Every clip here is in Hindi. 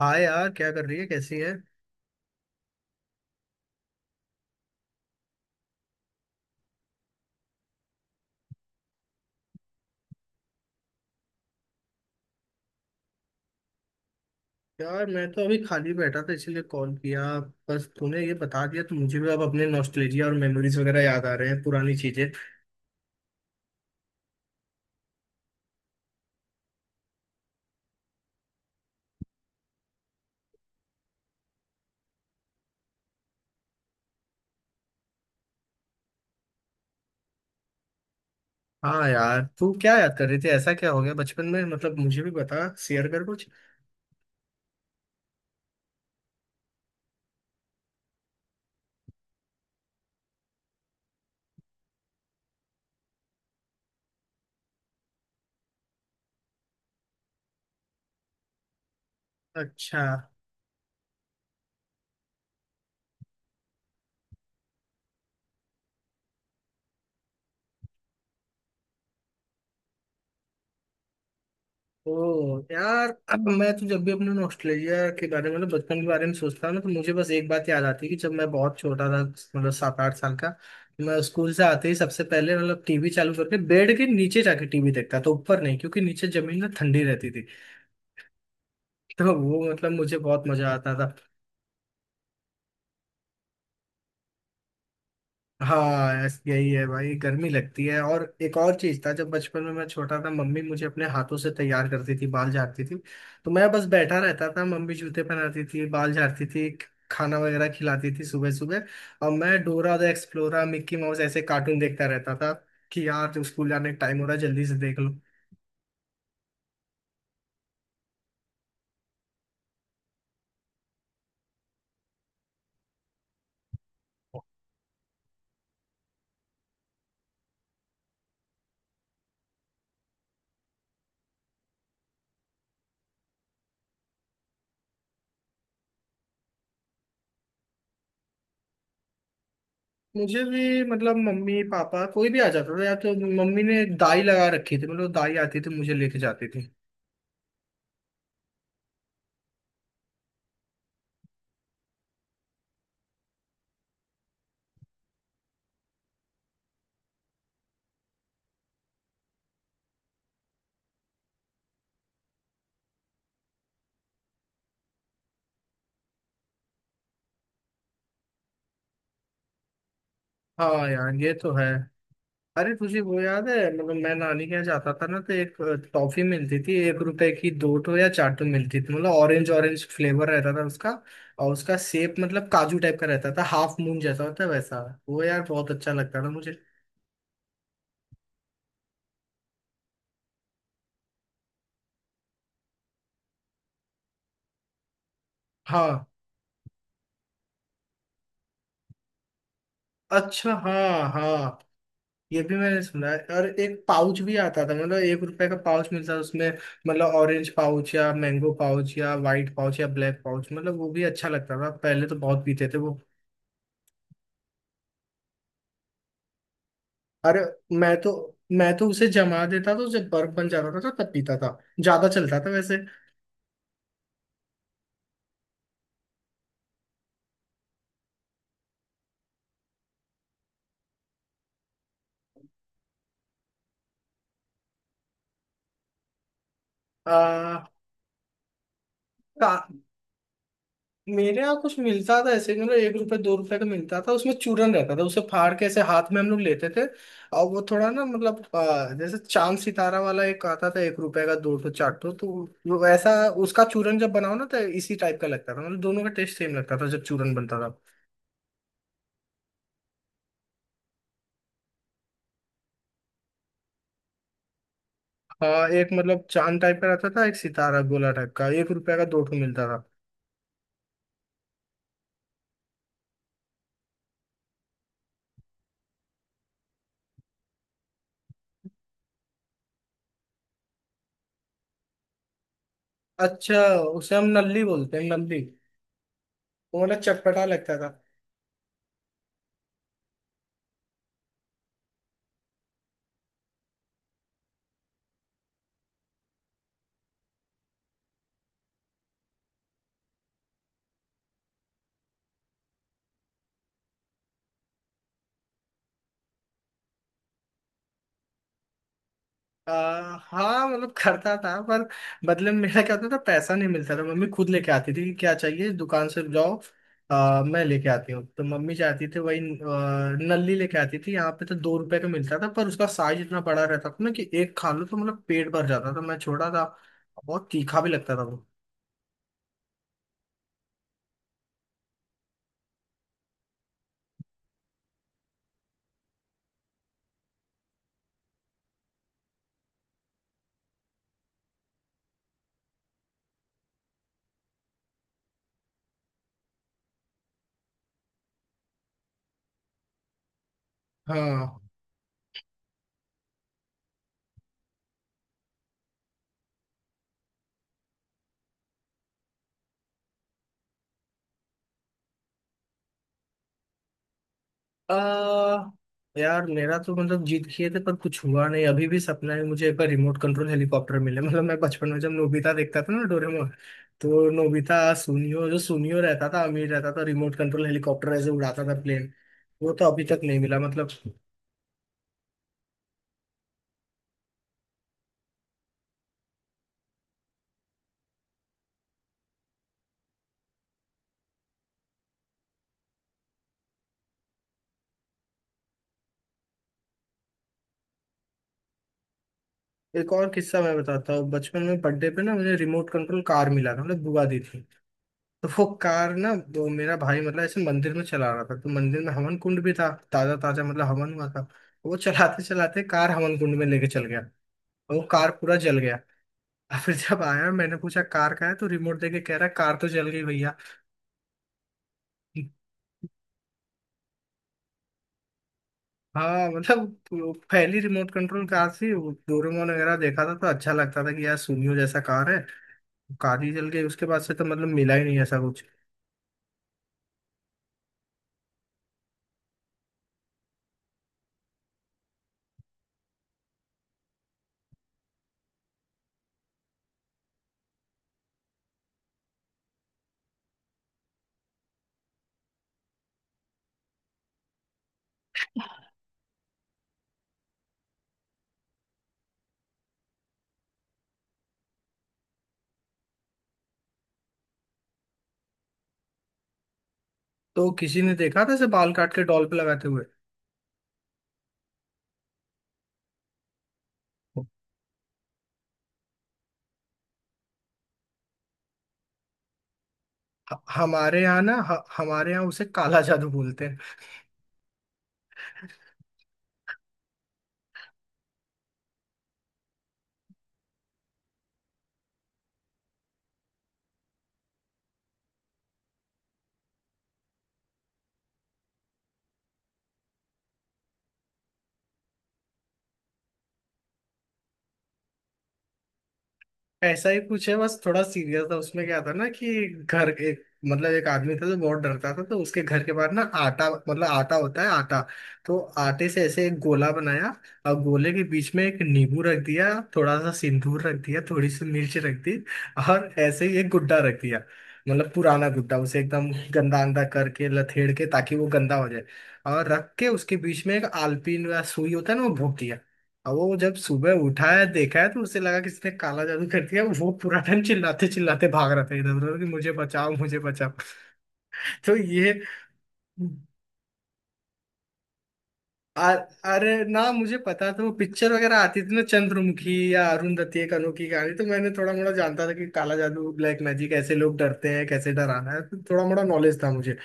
हाँ यार, क्या कर रही है? कैसी है? यार, मैं तो अभी खाली बैठा था इसीलिए कॉल किया। बस तूने ये बता दिया तो मुझे भी अब अपने नॉस्टैल्जिया और मेमोरीज वगैरह याद आ रहे हैं, पुरानी चीजें। हाँ यार, तू क्या याद कर रही थी? ऐसा क्या हो गया बचपन में? मतलब मुझे भी बता, शेयर कर कुछ। अच्छा। ओ यार, अब मैं तो जब भी अपने ऑस्ट्रेलिया के बारे में मतलब बचपन के बारे में सोचता हूँ ना तो मुझे बस एक बात याद आती है कि जब मैं बहुत छोटा था, मतलब 7-8 साल का। मैं स्कूल से आते ही सबसे पहले मतलब टीवी चालू करके बेड के नीचे जाके टीवी देखता था, तो ऊपर नहीं, क्योंकि नीचे जमीन में ठंडी रहती थी। तो वो मतलब मुझे बहुत मजा आता था। हाँ, यही है भाई, गर्मी लगती है। और एक और चीज था, जब बचपन में मैं छोटा था मम्मी मुझे अपने हाथों से तैयार करती थी, बाल झाड़ती थी। तो मैं बस बैठा रहता था, मम्मी जूते पहनाती थी, बाल झाड़ती थी। खाना वगैरह खिलाती थी सुबह सुबह। और मैं Dora the Explorer, Mickey Mouse ऐसे कार्टून देखता रहता था। कि यार, जो स्कूल जाने का टाइम हो रहा है जल्दी से देख लो। मुझे भी, मतलब मम्मी पापा कोई भी आ जाता था, या तो मम्मी ने दाई लगा रखी थी, मतलब दाई आती थी, मुझे लेके जाती थी। हाँ यार, ये तो है। अरे, तुझे वो याद है? मतलब मैं नानी के यहाँ जाता था ना, तो एक टॉफी मिलती थी, 1 रुपए की 2 ठो या 4 ठो मिलती थी, मतलब ऑरेंज ऑरेंज फ्लेवर रहता था उसका। और उसका शेप मतलब काजू टाइप का रहता था, हाफ मून जैसा होता है वैसा। वो यार, बहुत अच्छा लगता था मुझे। हाँ। अच्छा, हाँ हाँ। ये भी मैंने सुना है, और एक पाउच भी आता था, मतलब 1 रुपए का पाउच मिलता था उसमें। मतलब ऑरेंज पाउच या मैंगो पाउच या वाइट पाउच या ब्लैक पाउच, मतलब वो भी अच्छा लगता था, पहले तो बहुत पीते थे वो। अरे, मैं तो मैं तो उसे जमा देता, तो जब बर्फ बन जाता था तो तब पीता था। ज्यादा चलता था वैसे। आ, का, मेरे यहाँ कुछ मिलता था ऐसे, मतलब 1 रुपए 2 रुपए का मिलता था, उसमें चूरन रहता था, उसे फाड़ के ऐसे हाथ में हम लोग लेते थे। और वो थोड़ा ना, मतलब जैसे चांद सितारा वाला एक आता था, 1 रुपए का 2 ठो 4 ठो तो। वो वैसा। उसका चूरन जब बनाओ ना, तो इसी टाइप का लगता था, मतलब दोनों का टेस्ट सेम लगता था जब चूरन बनता था। हाँ, एक मतलब चांद टाइप का रहता था, एक सितारा गोला टाइप का, 1 रुपए का 2 ठो मिलता था। अच्छा। उसे हम नल्ली बोलते हैं, नल्ली। वो मतलब चटपटा लगता था। हाँ मतलब करता था, पर बदले में मेरा क्या होता था, पैसा नहीं मिलता था, मम्मी खुद लेके आती थी कि क्या चाहिए दुकान से जाओ, मैं लेके आती हूँ। तो मम्मी जाती थी, वही नल्ली लेके आती थी, यहाँ पे तो 2 रुपए का मिलता था, पर उसका साइज इतना बड़ा रहता था ना कि एक खा लो तो मतलब पेट भर जाता था, मैं छोटा था। बहुत तीखा भी लगता था वो। हाँ। आ, यार, मेरा तो मतलब जीत किए थे पर कुछ हुआ नहीं, अभी भी सपना है मुझे एक बार रिमोट कंट्रोल हेलीकॉप्टर मिले। मतलब मैं बचपन में जब नोबिता देखता था ना, डोरेमोन। तो नोबिता, सुनियो, जो सुनियो रहता था अमीर रहता था, रिमोट कंट्रोल हेलीकॉप्टर ऐसे उड़ाता था, प्लेन। वो तो अभी तक नहीं मिला मतलब। एक और किस्सा मैं बताता हूँ, बचपन में बर्थडे पे ना मुझे रिमोट कंट्रोल कार मिला था, मतलब बुआ दी थी। तो वो कार ना, वो मेरा भाई मतलब ऐसे मंदिर में चला रहा था, तो मंदिर में हवन कुंड भी था, ताजा ताजा मतलब हवन हुआ था। वो चलाते चलाते कार हवन कुंड में लेके चल गया। और वो कार पूरा जल गया। और फिर जब आया, मैंने पूछा कार का है, तो रिमोट देके कह रहा, कार तो जल गई भैया। हाँ मतलब, वो पहली रिमोट कंट्रोल कार थी, वो डोरेमोन वगैरह देखा था तो अच्छा लगता था कि यार सुनियो जैसा कार है। कार ही जल गई, उसके बाद से तो मतलब मिला ही नहीं ऐसा कुछ। तो किसी ने देखा था इसे बाल काट के डॉल पे लगाते हुए? हमारे यहाँ ना, हमारे यहाँ उसे काला जादू बोलते हैं। ऐसा ही कुछ है, बस थोड़ा सीरियस था, उसमें क्या था ना कि घर एक, मतलब एक आदमी था जो बहुत डरता था, तो उसके घर के बाहर ना आटा, मतलब आटा होता है आटा। तो आटे से ऐसे एक गोला बनाया। और गोले के बीच में एक नींबू रख दिया। थोड़ा सा सिंदूर रख दिया, थोड़ी सी मिर्च रख दी। और ऐसे ही एक गुड्डा रख दिया। मतलब पुराना गुड्डा, उसे एकदम गंदा अंदा करके लथेड़ के ताकि वो गंदा हो जाए। और रख के उसके बीच में एक आलपीन या सुई होता है ना, वो भोंक दिया। अब वो जब सुबह उठा है, देखा है, तो उसे लगा किसने काला जादू कर दिया। वो पूरा टाइम चिल्लाते चिल्लाते भाग रहा था इधर उधर कि मुझे बचाओ, मुझे बचाओ। तो ये। आ- अरे ना, मुझे पता था, वो पिक्चर वगैरह आती थी ना, चंद्रमुखी या अरुंधति, एक अनोखी कहानी। तो मैंने थोड़ा मोड़ा जानता था कि काला जादू, ब्लैक मैजिक, ऐसे लोग डरते हैं, कैसे डराना है, तो थोड़ा मोड़ा नॉलेज था मुझे।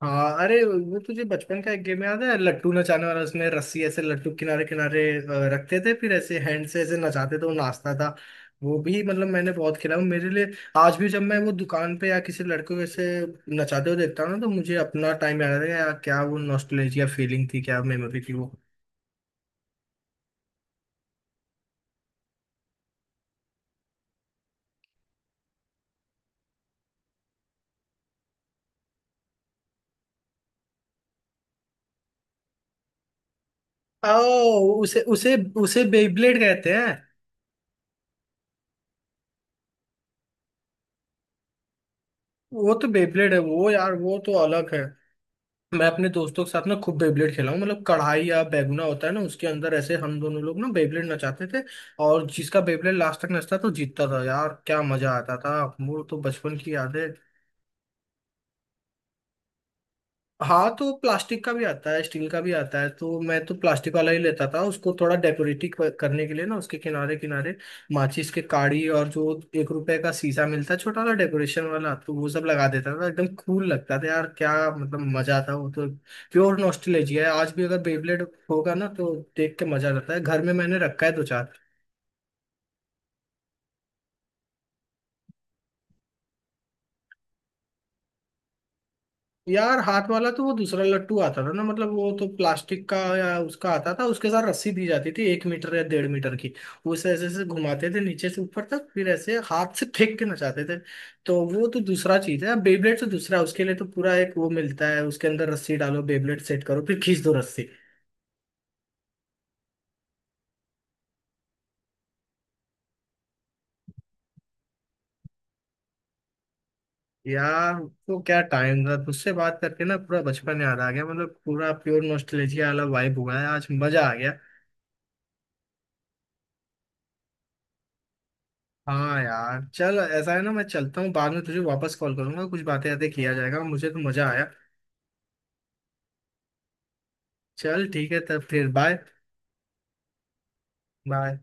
हाँ। अरे, वो तुझे बचपन का एक गेम याद है, लट्टू नचाने वाला? उसमें रस्सी ऐसे लट्टू किनारे किनारे रखते थे, फिर ऐसे हैंड से ऐसे नचाते थे, वो नाचता था। वो भी मतलब मैंने बहुत खेला हूँ, मेरे लिए। आज भी जब मैं वो दुकान पे या किसी लड़के को ऐसे नचाते हुए देखता हूँ ना, तो मुझे अपना टाइम याद आता है। यार, क्या वो नॉस्टैल्जिया फीलिंग थी, क्या मेमोरी थी वो। ओ, उसे उसे उसे बेब्लेड कहते हैं। वो तो बेब्लेड है वो यार, वो तो अलग है। मैं अपने दोस्तों के साथ ना खूब बेबलेट खेला हूँ, मतलब कढ़ाई या बैगुना होता है ना, उसके अंदर ऐसे हम दोनों लोग ना बेबलेट नचाते थे। और जिसका बेबलेट लास्ट तक नचता तो जीतता था। यार, क्या मजा आता था। वो तो बचपन की यादें। हाँ, तो प्लास्टिक का भी आता है, स्टील का भी आता है, तो मैं तो प्लास्टिक वाला ही लेता था, उसको थोड़ा डेकोरेटिव करने के लिए ना, उसके किनारे किनारे माचिस के काड़ी और जो 1 रुपए का शीशा मिलता है छोटा सा, डेकोरेशन वाला, तो वो सब लगा देता था, एकदम कूल लगता था। यार, क्या मतलब मजा था वो तो। प्योर नॉस्टैल्जिया है। आज भी अगर बेबलेट होगा ना तो देख के मजा आता है, घर में मैंने रखा है दो चार। यार, हाथ वाला तो वो दूसरा लट्टू आता था ना, मतलब वो तो प्लास्टिक का या उसका आता था, उसके साथ रस्सी दी जाती थी, 1 मीटर या 1.5 मीटर की। उसे ऐसे ऐसे घुमाते थे नीचे से ऊपर तक, फिर ऐसे हाथ से फेंक के नचाते थे। तो वो तो दूसरा चीज है, बेबलेट तो दूसरा है, उसके लिए तो पूरा एक वो मिलता है, उसके अंदर रस्सी डालो, बेबलेट सेट करो, फिर खींच दो रस्सी। यार, तो क्या टाइम था तुझसे बात करके ना, पूरा बचपन याद आ गया, मतलब पूरा प्योर नॉस्टैल्जिया वाला वाइब हुआ है, आज मजा आ गया। हाँ यार, चल ऐसा है ना, मैं चलता हूँ। बाद में तुझे वापस कॉल करूंगा, कुछ बातें यातें किया जाएगा। मुझे तो मजा आया। चल ठीक है, तब फिर बाय। बाय।